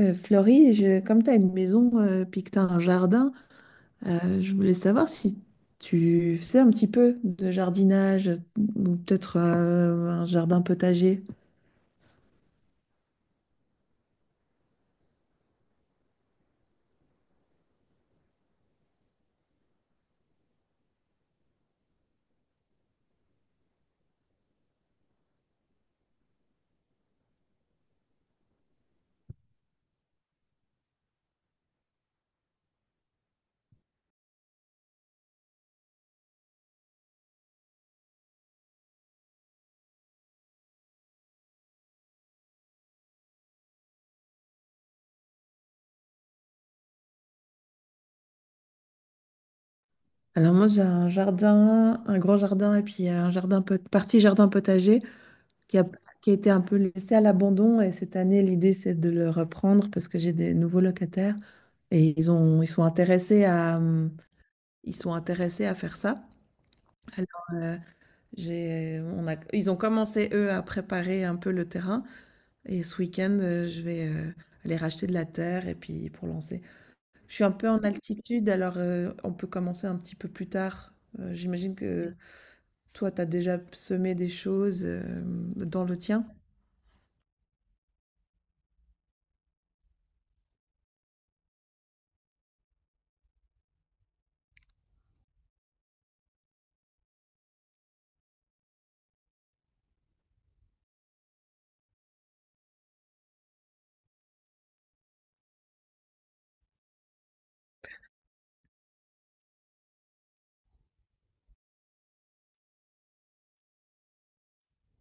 Florie, comme tu as une maison puis que tu as un jardin, je voulais savoir si tu faisais un petit peu de jardinage ou peut-être un jardin potager. Alors moi j'ai un jardin, un grand jardin et puis un partie jardin potager qui a, qui a été un peu laissé à l'abandon et cette année l'idée c'est de le reprendre parce que j'ai des nouveaux locataires et ils sont intéressés à, ils sont intéressés à faire ça. Alors, euh, J'ai on a ils ont commencé, eux, à préparer un peu le terrain et ce week-end, je vais, aller racheter de la terre et puis pour lancer. Je suis un peu en altitude alors, on peut commencer un petit peu plus tard. J'imagine que toi, tu as déjà semé des choses, dans le tien?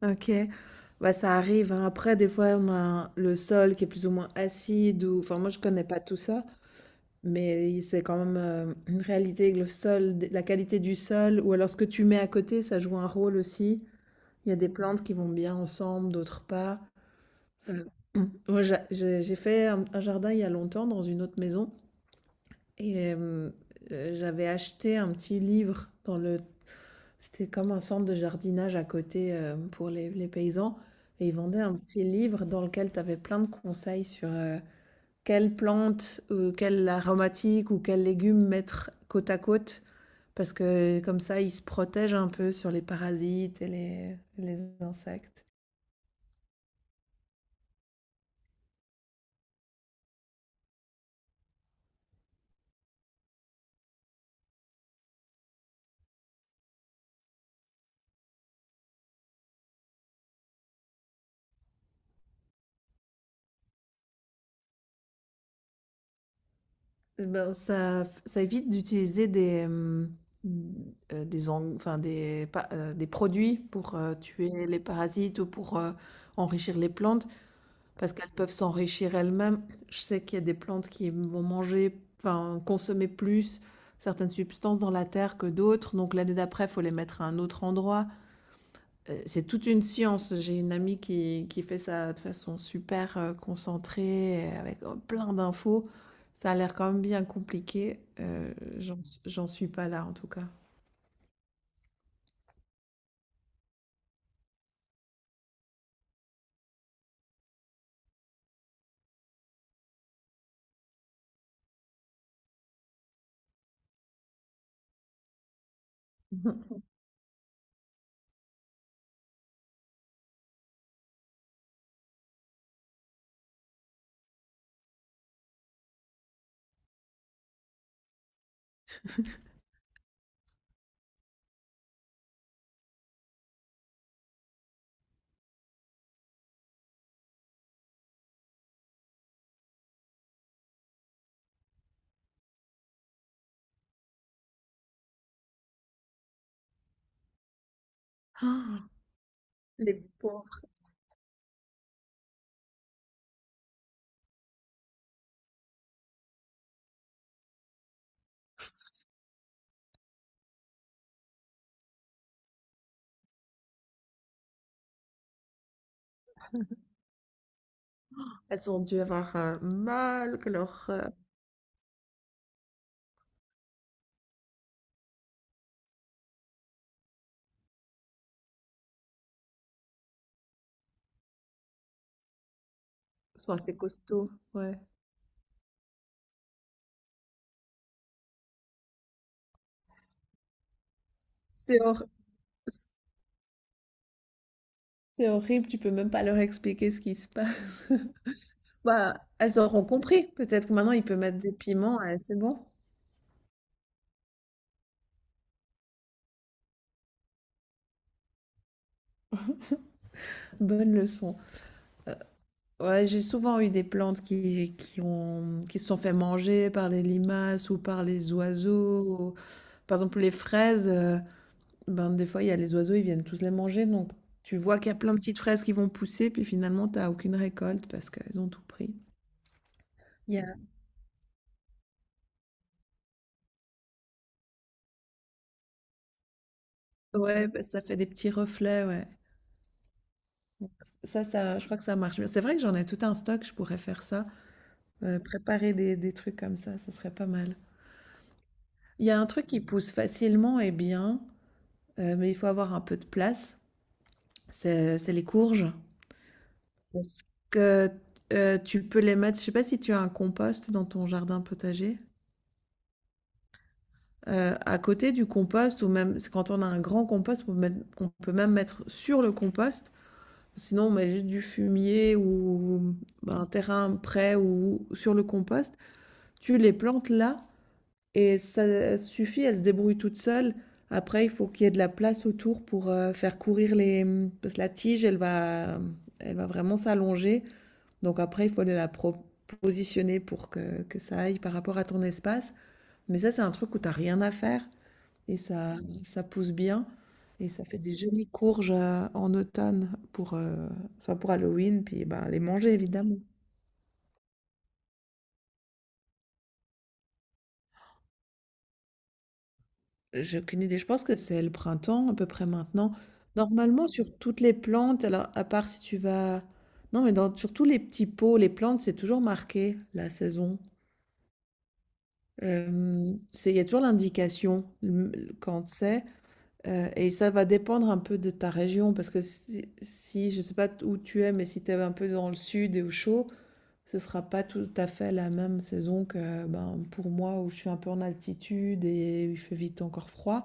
OK. Bah, ça arrive, hein. Après des fois, on a le sol qui est plus ou moins acide ou enfin moi je connais pas tout ça, mais c'est quand même, une réalité avec le sol, la qualité du sol ou alors ce que tu mets à côté, ça joue un rôle aussi. Il y a des plantes qui vont bien ensemble, d'autres pas. Heu, moi j'ai fait un jardin il y a longtemps dans une autre maison et j'avais acheté un petit livre dans le c'était comme un centre de jardinage à côté, pour les paysans et ils vendaient un petit livre dans lequel tu avais plein de conseils sur, quelle plante, quelle aromatique ou quel légume mettre côte à côte parce que comme ça ils se protègent un peu sur les parasites et les insectes. Eh ben, ça évite d'utiliser des, enfin, des produits pour tuer les parasites ou pour enrichir les plantes. Parce qu'elles peuvent s'enrichir elles-mêmes. Je sais qu'il y a des plantes qui vont manger, enfin consommer plus certaines substances dans la terre que d'autres. Donc l'année d'après, il faut les mettre à un autre endroit. C'est toute une science. J'ai une amie qui fait ça de façon super concentrée, avec plein d'infos. Ça a l'air quand même bien compliqué. J'en suis pas là en tout cas. Ah, elles ont dû avoir un mal, que leur... Elles sont assez costauds, ouais. C'est horrible. C'est horrible, tu peux même pas leur expliquer ce qui se passe. Bah, elles auront compris. Peut-être que maintenant, ils peuvent mettre des piments, et c'est bon. Bonne leçon. Ouais, j'ai souvent eu des plantes qui ont, qui se sont fait manger par les limaces ou par les oiseaux. Par exemple, les fraises, ben, des fois, il y a les oiseaux, ils viennent tous les manger. Donc, tu vois qu'il y a plein de petites fraises qui vont pousser, puis finalement, tu n'as aucune récolte parce qu'elles ont tout pris. Il y a- Ouais, bah, ça fait des petits reflets, ouais. Ça, je crois que ça marche bien. C'est vrai que j'en ai tout un stock, je pourrais faire ça. Préparer des trucs comme ça, ce serait pas mal. Il y a un truc qui pousse facilement et bien, mais il faut avoir un peu de place. C'est les courges. Parce que tu peux les mettre, je sais pas si tu as un compost dans ton jardin potager. À côté du compost, ou même c'est quand on a un grand compost, on peut, on peut même mettre sur le compost. Sinon, on met juste du fumier ou ben, un terrain prêt ou sur le compost. Tu les plantes là et ça suffit, elles se débrouillent toutes seules. Après, il faut qu'il y ait de la place autour pour faire courir les... Parce que la tige, elle va vraiment s'allonger. Donc après, il faut positionner pour que ça aille par rapport à ton espace. Mais ça, c'est un truc où t'as rien à faire et ça pousse bien. Et ça fait des jolies courges en automne pour, soit pour Halloween, puis ben, les manger évidemment. J'ai aucune idée. Je pense que c'est le printemps, à peu près maintenant. Normalement, sur toutes les plantes, alors à part si tu vas... Non, mais dans, sur tous les petits pots, les plantes, c'est toujours marqué la saison. Il y a toujours l'indication quand c'est. Et ça va dépendre un peu de ta région, parce que si, si je sais pas où tu es, mais si tu es un peu dans le sud et au chaud, ce sera pas tout à fait la même saison que ben, pour moi, où je suis un peu en altitude et il fait vite encore froid.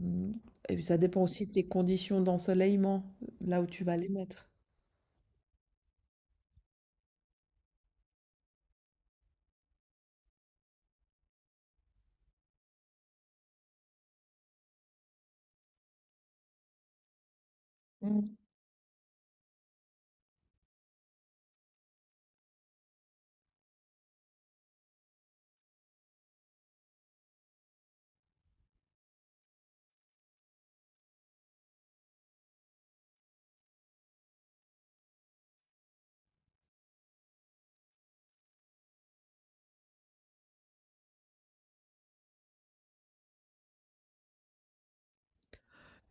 Mmh, et puis ça dépend aussi de tes conditions d'ensoleillement, là où tu vas les mettre.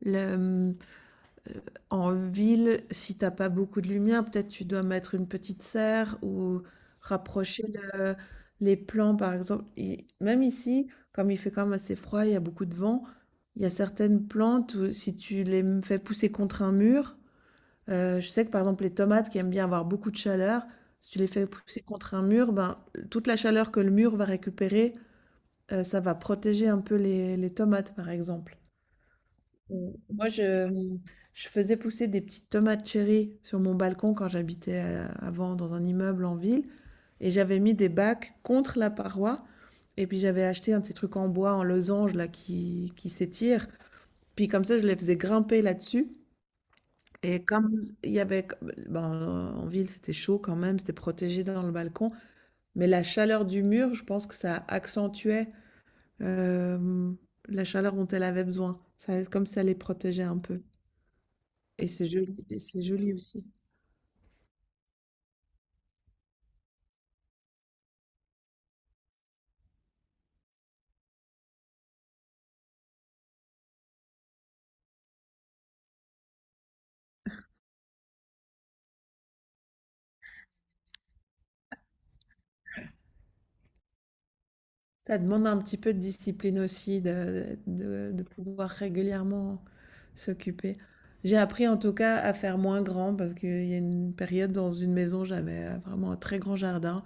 Mmh, en ville, si t'as pas beaucoup de lumière, peut-être tu dois mettre une petite serre ou rapprocher le les plants par exemple et même ici, comme il fait quand même assez froid, il y a beaucoup de vent, il y a certaines plantes où si tu les m fais pousser contre un mur, je sais que par exemple les tomates qui aiment bien avoir beaucoup de chaleur, si tu les fais pousser contre un mur, ben, toute la chaleur que le mur va récupérer, ça va protéger un peu les tomates, par exemple. Je faisais pousser des petites tomates cherry sur mon balcon quand j'habitais, avant dans un immeuble en ville et j'avais mis des bacs contre la paroi et puis j'avais acheté un de ces trucs en bois, en losange là qui s'étirent. Puis comme ça, je les faisais grimper là-dessus et comme il y avait ben, en ville, c'était chaud quand même, c'était protégé dans le balcon, mais la chaleur du mur, je pense que ça accentuait Hem, la chaleur dont elle avait besoin. Ça comme ça les protégeait un peu et c'est joli aussi. Ça demande un petit peu de discipline aussi de pouvoir régulièrement s'occuper. J'ai appris en tout cas à faire moins grand parce qu'il y a une période dans une maison, j'avais, vraiment un très grand jardin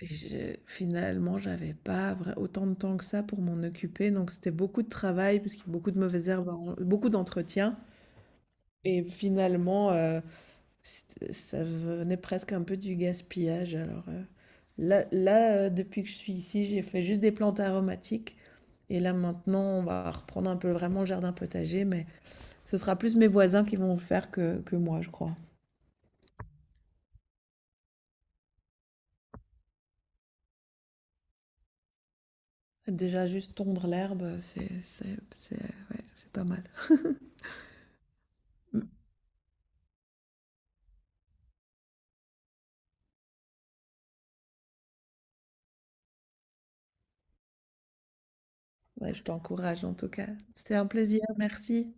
et j'ai finalement, j'avais pas vrai autant de temps que ça pour m'en occuper donc c'était beaucoup de travail puisqu'il y a beaucoup de mauvaises herbes, beaucoup d'entretien et finalement, C'ét ça venait presque un peu du gaspillage alors, là, depuis que je suis ici, j'ai fait juste des plantes aromatiques et là maintenant, on va reprendre un peu vraiment le jardin potager, mais ce sera plus mes voisins qui vont le faire que moi, je crois. Déjà juste tondre l'herbe, c'est ouais, c'est pas mal. Mmh, ouais, je t'encourage en tout cas. C'était un plaisir, merci.